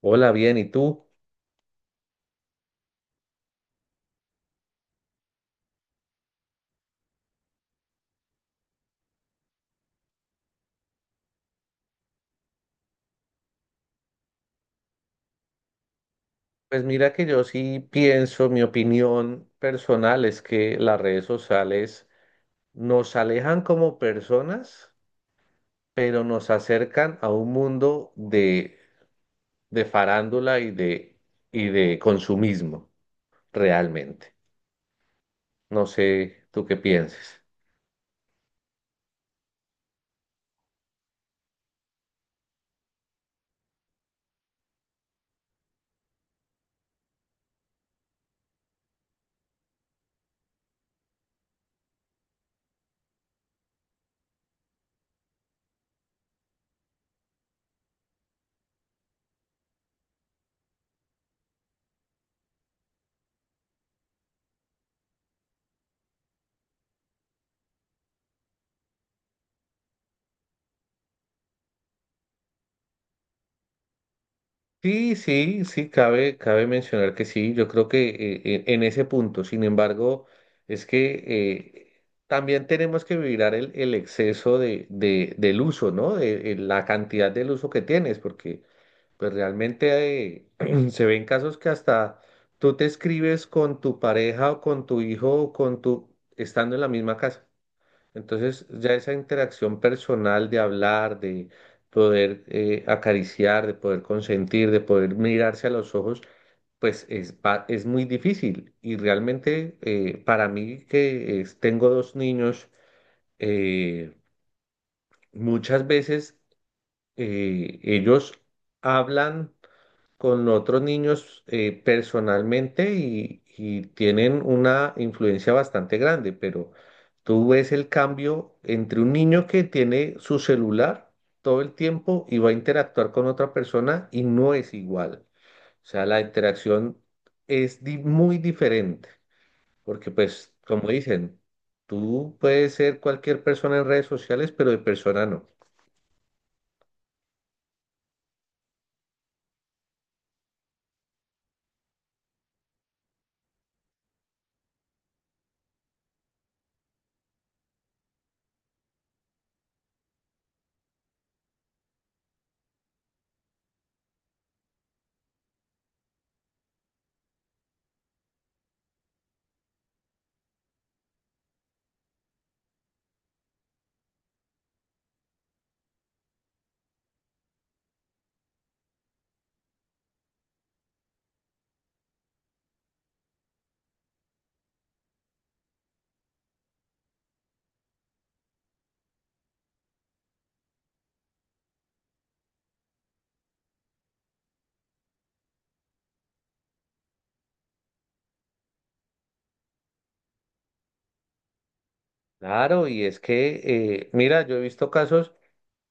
Hola, bien, ¿y tú? Pues mira que yo sí pienso, mi opinión personal es que las redes sociales nos alejan como personas, pero nos acercan a un mundo de farándula y de consumismo, realmente. No sé, ¿tú qué piensas? Sí, sí, sí, cabe mencionar que sí, yo creo que en ese punto, sin embargo, es que eh, también tenemos que mirar el exceso del uso, ¿no? De, la cantidad del uso que tienes, porque pues realmente se ven casos que hasta tú te escribes con tu pareja o con tu hijo o con tu, estando en la misma casa. Entonces, ya esa interacción personal de hablar, de poder acariciar, de poder consentir, de poder mirarse a los ojos, pues es muy difícil. Y realmente para mí tengo 2 niños, eh, muchas veces ellos hablan con otros niños personalmente y tienen una influencia bastante grande, pero tú ves el cambio entre un niño que tiene su celular todo el tiempo y va a interactuar con otra persona y no es igual. O sea, la interacción muy diferente, porque pues, como dicen, tú puedes ser cualquier persona en redes sociales, pero de persona no. Claro, y es que, mira, yo he visto casos,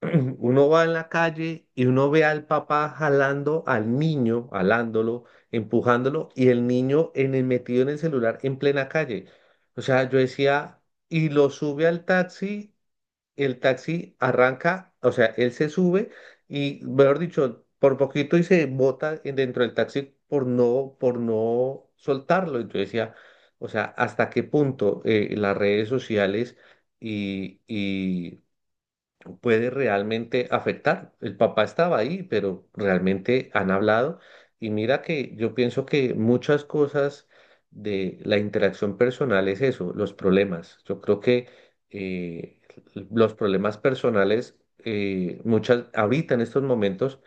uno va en la calle y uno ve al papá jalando al niño, jalándolo, empujándolo, y el niño en el, metido en el celular en plena calle. O sea, yo decía, y lo sube al taxi, el taxi arranca. O sea, él se sube y, mejor dicho, por poquito y se bota dentro del taxi por no soltarlo. Entonces decía, o sea, ¿hasta qué punto las redes sociales y, pero puede realmente afectar? El papá estaba ahí, pero realmente han hablado. Y mira que yo pienso que muchas cosas de la interacción personal es eso, los problemas. Yo creo que eh, los problemas personales, ahorita en estos momentos,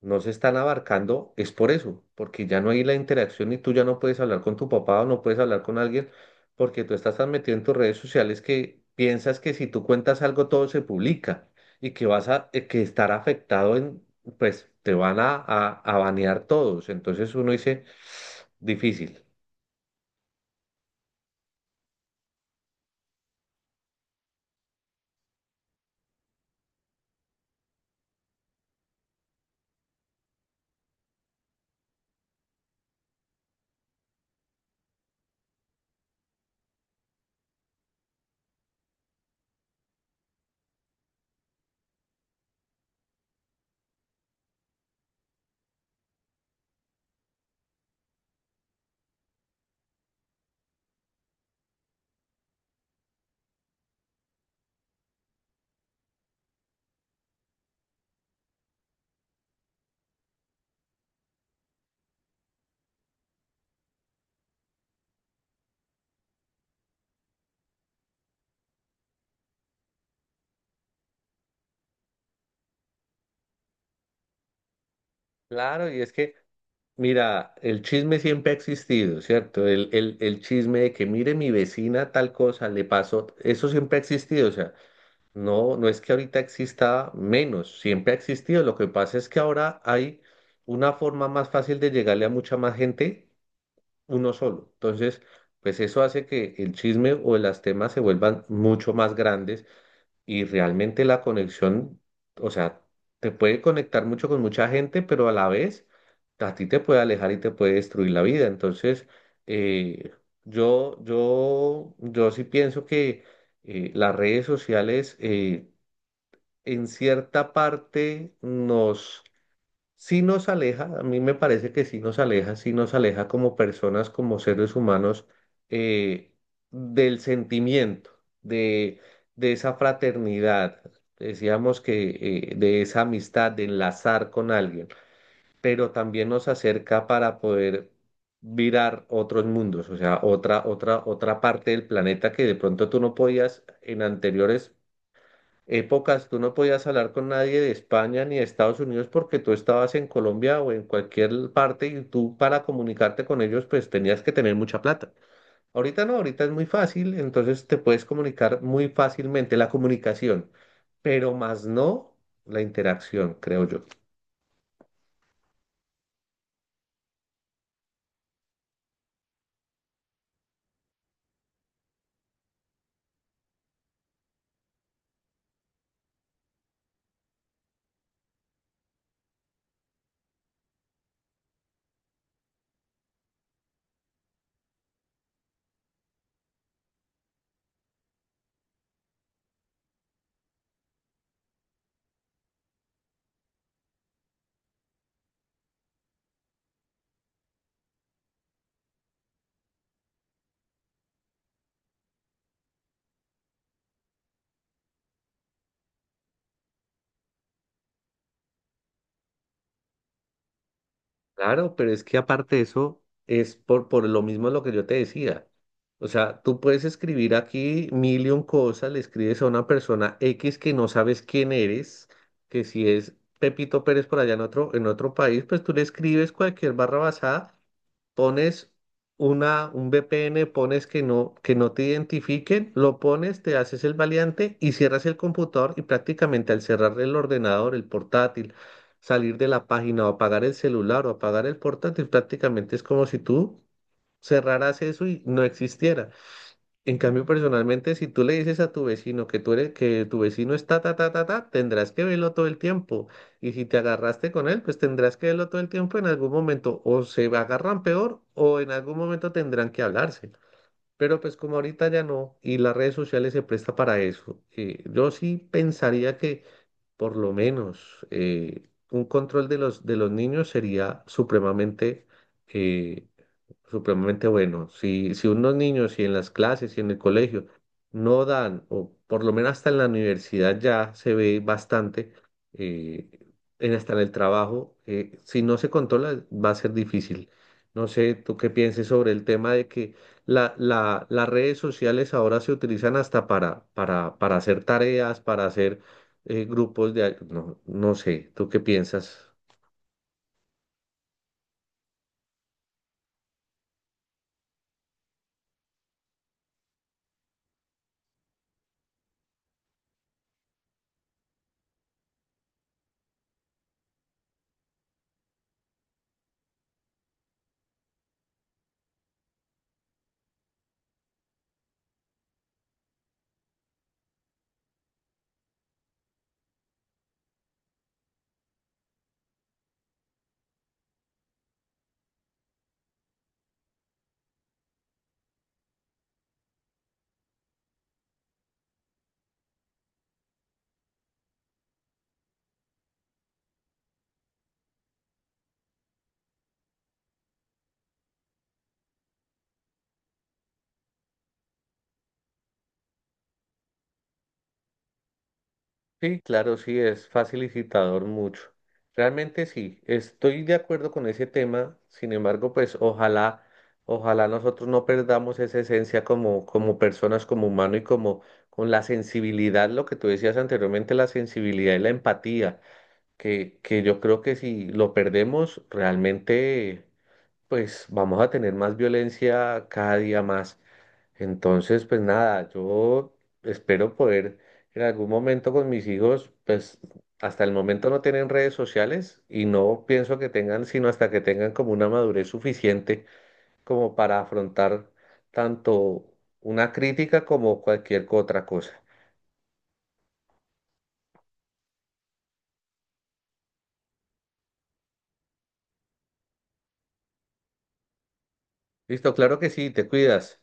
no se están abarcando, es por eso, porque ya no hay la interacción y tú ya no puedes hablar con tu papá o no puedes hablar con alguien porque tú estás tan metido en tus redes sociales que piensas que si tú cuentas algo todo se publica y que vas a que estar afectado en, pues te van a banear todos. Entonces uno dice, difícil. Claro, y es que, mira, el chisme siempre ha existido, ¿cierto? El chisme de que mire mi vecina tal cosa, le pasó, eso siempre ha existido, o sea. No, no es que ahorita exista menos, siempre ha existido. Lo que pasa es que ahora hay una forma más fácil de llegarle a mucha más gente, uno solo. Entonces, pues eso hace que el chisme o las temas se vuelvan mucho más grandes y realmente la conexión, o sea, te puede conectar mucho con mucha gente, pero a la vez a ti te puede alejar y te puede destruir la vida. Entonces, eh, yo sí pienso que las redes sociales... en cierta parte sí nos aleja, a mí me parece que sí nos aleja como personas, como seres humanos, eh, del sentimiento, de, de esa fraternidad, decíamos que de esa amistad, de enlazar con alguien, pero también nos acerca para poder virar otros mundos. O sea, otra parte del planeta que de pronto tú no podías, en anteriores épocas tú no podías hablar con nadie de España ni de Estados Unidos porque tú estabas en Colombia o en cualquier parte y tú para comunicarte con ellos pues tenías que tener mucha plata. Ahorita no, ahorita es muy fácil, entonces te puedes comunicar muy fácilmente la comunicación, pero más no la interacción, creo yo. Claro, pero es que aparte de eso, es por lo mismo lo que yo te decía. O sea, tú puedes escribir aquí mil y un cosas, le escribes a una persona X que no sabes quién eres, que si es Pepito Pérez por allá en otro país, pues tú le escribes cualquier barra basada, pones un VPN, pones que no te identifiquen, lo pones, te haces el valiente y cierras el computador y prácticamente al cerrar el ordenador, el portátil, salir de la página o apagar el celular o apagar el portátil, prácticamente es como si tú cerraras eso y no existiera. En cambio, personalmente, si tú le dices a tu vecino que tú eres, que tu vecino está ta ta ta ta, tendrás que verlo todo el tiempo. Y si te agarraste con él, pues tendrás que verlo todo el tiempo en algún momento. O se agarran peor, o en algún momento tendrán que hablarse. Pero pues como ahorita ya no, y las redes sociales se presta para eso. Yo sí pensaría que por lo menos un control de los niños sería supremamente eh, supremamente bueno. Si, si unos niños, y en las clases, y en el colegio no dan, o por lo menos hasta en la universidad ya se ve bastante, eh, en hasta en el trabajo, si no se controla va a ser difícil. No sé, tú qué pienses sobre el tema de que las redes sociales ahora se utilizan hasta para hacer tareas, para hacer grupos de... No, no sé, ¿tú qué piensas? Sí, claro, sí, es facilitador mucho. Realmente sí, estoy de acuerdo con ese tema. Sin embargo, pues ojalá, ojalá nosotros no perdamos esa esencia como, como personas, como humano y como con la sensibilidad, lo que tú decías anteriormente, la sensibilidad y la empatía, que yo creo que si lo perdemos, realmente, pues vamos a tener más violencia cada día más. Entonces, pues nada, yo espero poder en algún momento con mis hijos, pues hasta el momento no tienen redes sociales y no pienso que tengan, sino hasta que tengan como una madurez suficiente como para afrontar tanto una crítica como cualquier otra cosa. Listo, claro que sí, te cuidas.